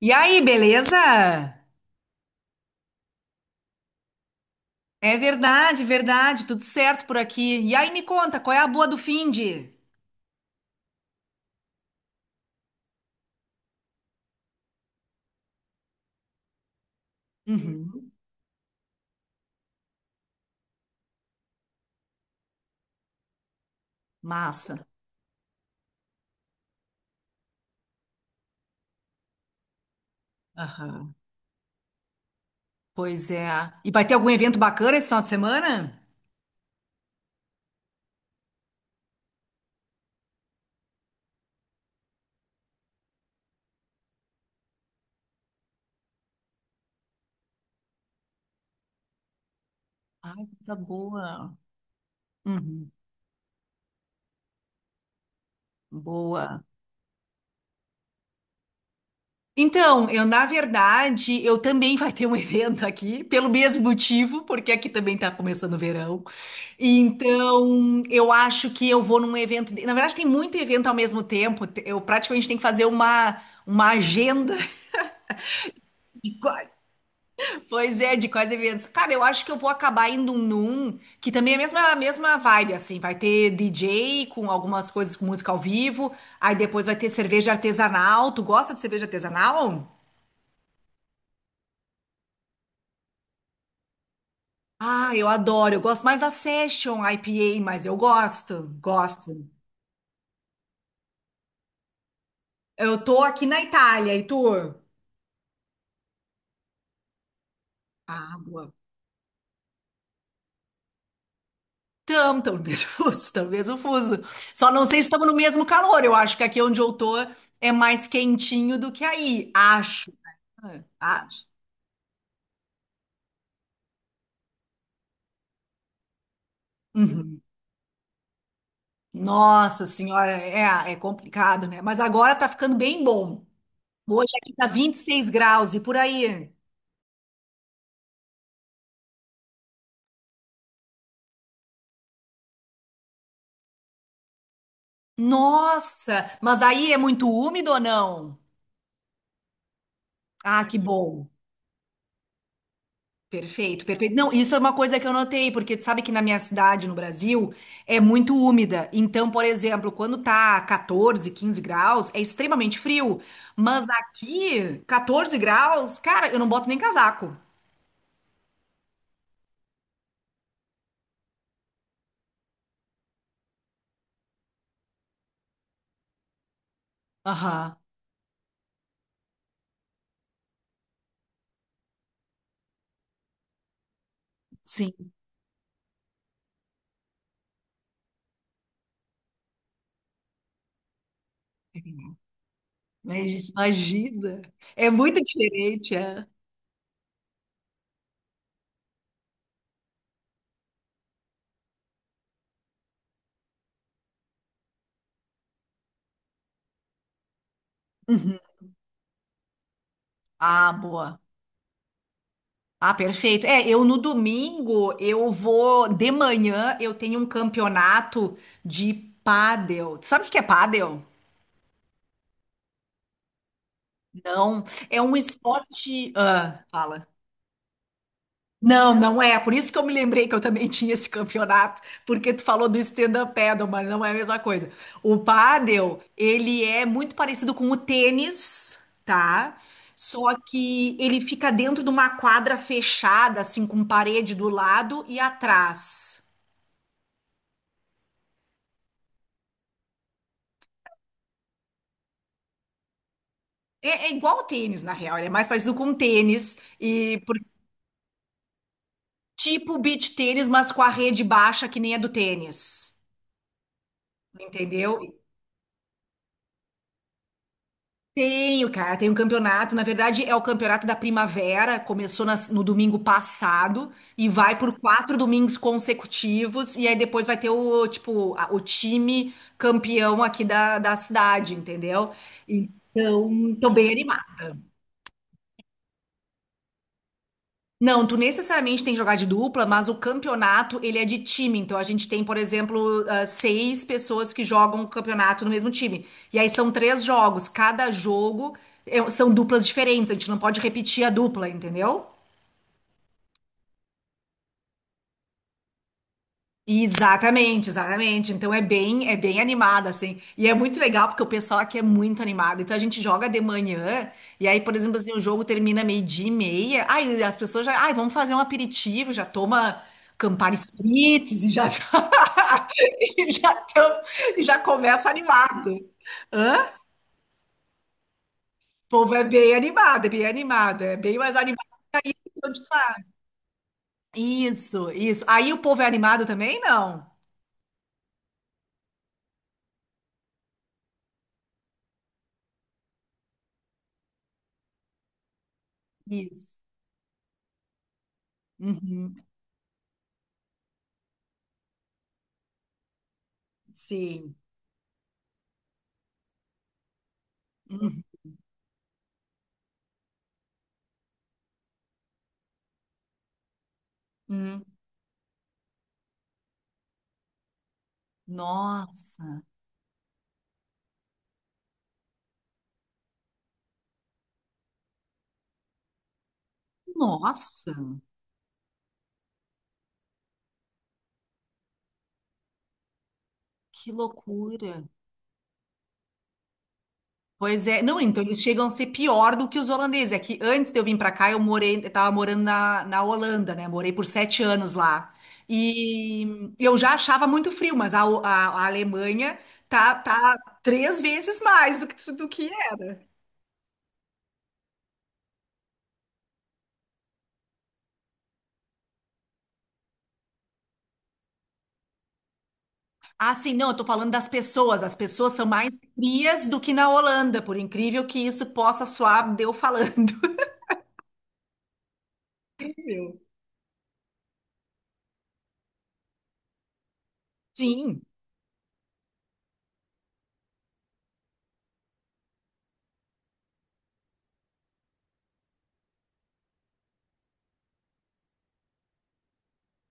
E aí, beleza? É verdade, tudo certo por aqui. E aí, me conta, qual é a boa do finde? Uhum, massa. Aham, pois é. E vai ter algum evento bacana esse final de semana? Ai, coisa boa. Uhum, boa. Então, eu na verdade, eu também vai ter um evento aqui, pelo mesmo motivo, porque aqui também tá começando o verão. Então, eu acho que eu vou num evento, na verdade tem muito evento ao mesmo tempo, eu praticamente tenho que fazer uma agenda de quais, pois é, de quais eventos. Cara, eu acho que eu vou acabar indo num que também é a mesma vibe assim, vai ter DJ com algumas coisas com música ao vivo, aí depois vai ter cerveja artesanal. Tu gosta de cerveja artesanal? Ah, eu adoro. Eu gosto mais da Session IPA, mas eu gosto, gosto. Eu tô aqui na Itália, e tu? Água. Tam, tam, mesmo fuso, tam, mesmo fuso. Só não sei se estamos no mesmo calor. Eu acho que aqui onde eu tô é mais quentinho do que aí. Acho. Né? Ah, acho. Uhum. Nossa senhora, é, é complicado, né? Mas agora tá ficando bem bom. Hoje aqui tá 26 graus e por aí. Nossa, mas aí é muito úmido ou não? Ah, que bom. Perfeito, perfeito. Não, isso é uma coisa que eu notei, porque tu sabe que na minha cidade, no Brasil, é muito úmida. Então, por exemplo, quando tá 14 15 graus, é extremamente frio. Mas aqui, 14 graus, cara, eu não boto nem casaco. Aham, sim. Mas imagina. É muito diferente, é. Uhum. Ah, boa. Ah, perfeito. É, eu no domingo, eu vou. De manhã, eu tenho um campeonato de pádel. Tu sabe o que que é pádel? Não, é um esporte. Ah, fala. Não, não é. Por isso que eu me lembrei que eu também tinha esse campeonato, porque tu falou do stand-up paddle, mas não é a mesma coisa. O paddle, ele é muito parecido com o tênis, tá? Só que ele fica dentro de uma quadra fechada, assim, com parede do lado e atrás. É, é igual ao tênis, na real. Ele é mais parecido com o tênis e tipo beach tênis, mas com a rede baixa que nem a do tênis. Entendeu? Tenho, cara, tem um campeonato. Na verdade, é o campeonato da primavera. Começou no domingo passado e vai por 4 domingos consecutivos. E aí depois vai ter o tipo o time campeão aqui da cidade, entendeu? Então, tô bem animada. Não, tu necessariamente tem que jogar de dupla, mas o campeonato, ele é de time. Então, a gente tem, por exemplo, ah, 6 pessoas que jogam o campeonato no mesmo time. E aí são três jogos. Cada jogo são duplas diferentes. A gente não pode repetir a dupla, entendeu? Exatamente, exatamente. Então é bem animada assim. E é muito legal porque o pessoal aqui é muito animado. Então a gente joga de manhã e aí, por exemplo, assim, o jogo termina meio-dia e meia. Aí as pessoas já, ai, vamos fazer um aperitivo, já toma Campari Spritz e já e já, tão- e já começa animado. Hã? O povo é bem animado, é bem animado, é bem mais animado que onde tu tá. Isso, isso. Aí o povo é animado também? Não. Isso. Uhum, sim. Uhum. Hum, nossa, nossa, que loucura. Pois é, não, então eles chegam a ser pior do que os holandeses. É que antes de eu vir para cá, eu morei, eu tava morando na Holanda, né? Morei por 7 anos lá. E eu já achava muito frio, mas a Alemanha tá, tá três vezes mais do que era. Ah, sim, não, eu tô falando das pessoas. As pessoas são mais frias do que na Holanda, por incrível que isso possa soar, deu falando. Incrível. Sim.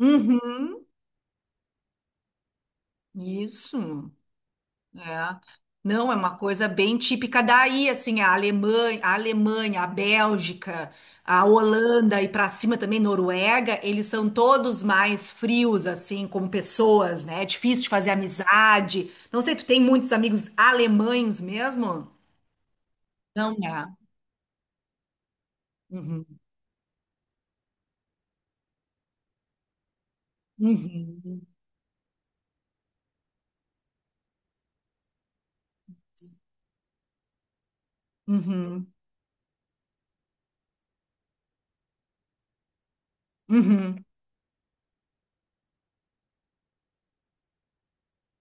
Uhum, isso, é. Não, é uma coisa bem típica daí, assim, a Alemanha, a Bélgica, a Holanda e para cima também Noruega, eles são todos mais frios, assim, como pessoas, né? É difícil de fazer amizade. Não sei, tu tem muitos amigos alemães mesmo? Não, é. Uhum, uhum, uhum, uhum.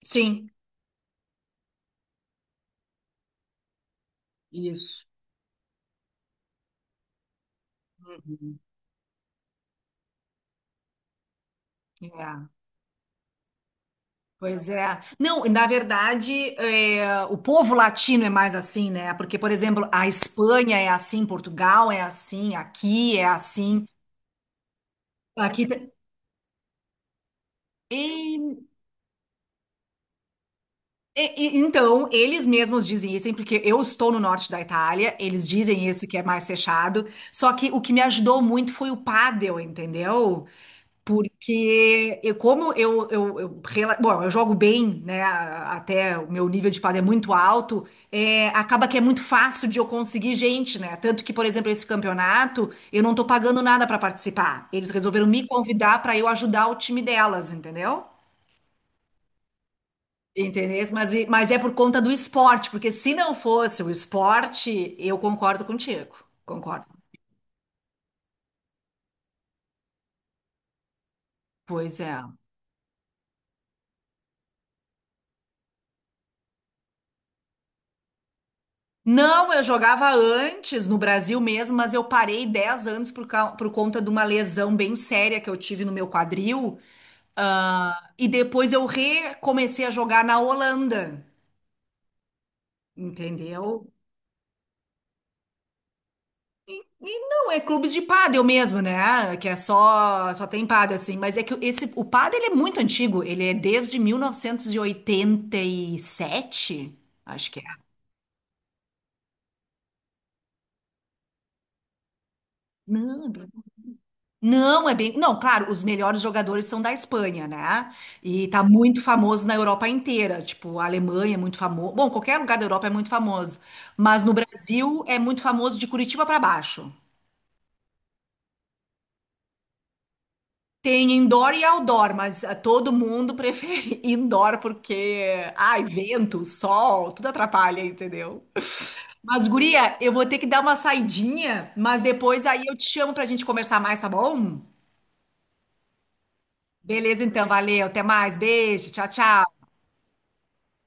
Sim, isso. É. Pois é. Não, e na verdade, é, o povo latino é mais assim, né? Porque, por exemplo, a Espanha é assim, Portugal é assim, aqui é assim, aqui. te- E- então, eles mesmos dizem isso, hein, porque eu estou no norte da Itália, eles dizem isso que é mais fechado. Só que o que me ajudou muito foi o pádel, entendeu? Porque eu, como bom, eu jogo bem, né? Até o meu nível de quadro é muito alto, é, acaba que é muito fácil de eu conseguir gente, né? Tanto que, por exemplo, esse campeonato, eu não tô pagando nada para participar. Eles resolveram me convidar para eu ajudar o time delas, entendeu? Entendeu? Mas, mas é por conta do esporte, porque se não fosse o esporte, eu concordo contigo. Concordo. Pois é. Não, eu jogava antes no Brasil mesmo, mas eu parei 10 anos por, por conta de uma lesão bem séria que eu tive no meu quadril. Ah, e depois eu recomecei a jogar na Holanda, entendeu? E não, é clubes de pádel mesmo, né? Que é só, só tem pádel assim. Mas é que esse, o pádel ele é muito antigo, ele é desde mil novecentos e oitenta e sete, acho que é. Não, não, é bem. Não, claro, os melhores jogadores são da Espanha, né? E tá muito famoso na Europa inteira. Tipo, a Alemanha é muito famoso. Bom, qualquer lugar da Europa é muito famoso. Mas no Brasil é muito famoso de Curitiba pra baixo. Tem indoor e outdoor, mas ah, todo mundo prefere indoor porque, ai, vento, sol, tudo atrapalha, entendeu? Mas, guria, eu vou ter que dar uma saidinha, mas depois aí eu te chamo pra gente conversar mais, tá bom? Beleza, então, valeu, até mais, beijo, tchau, tchau.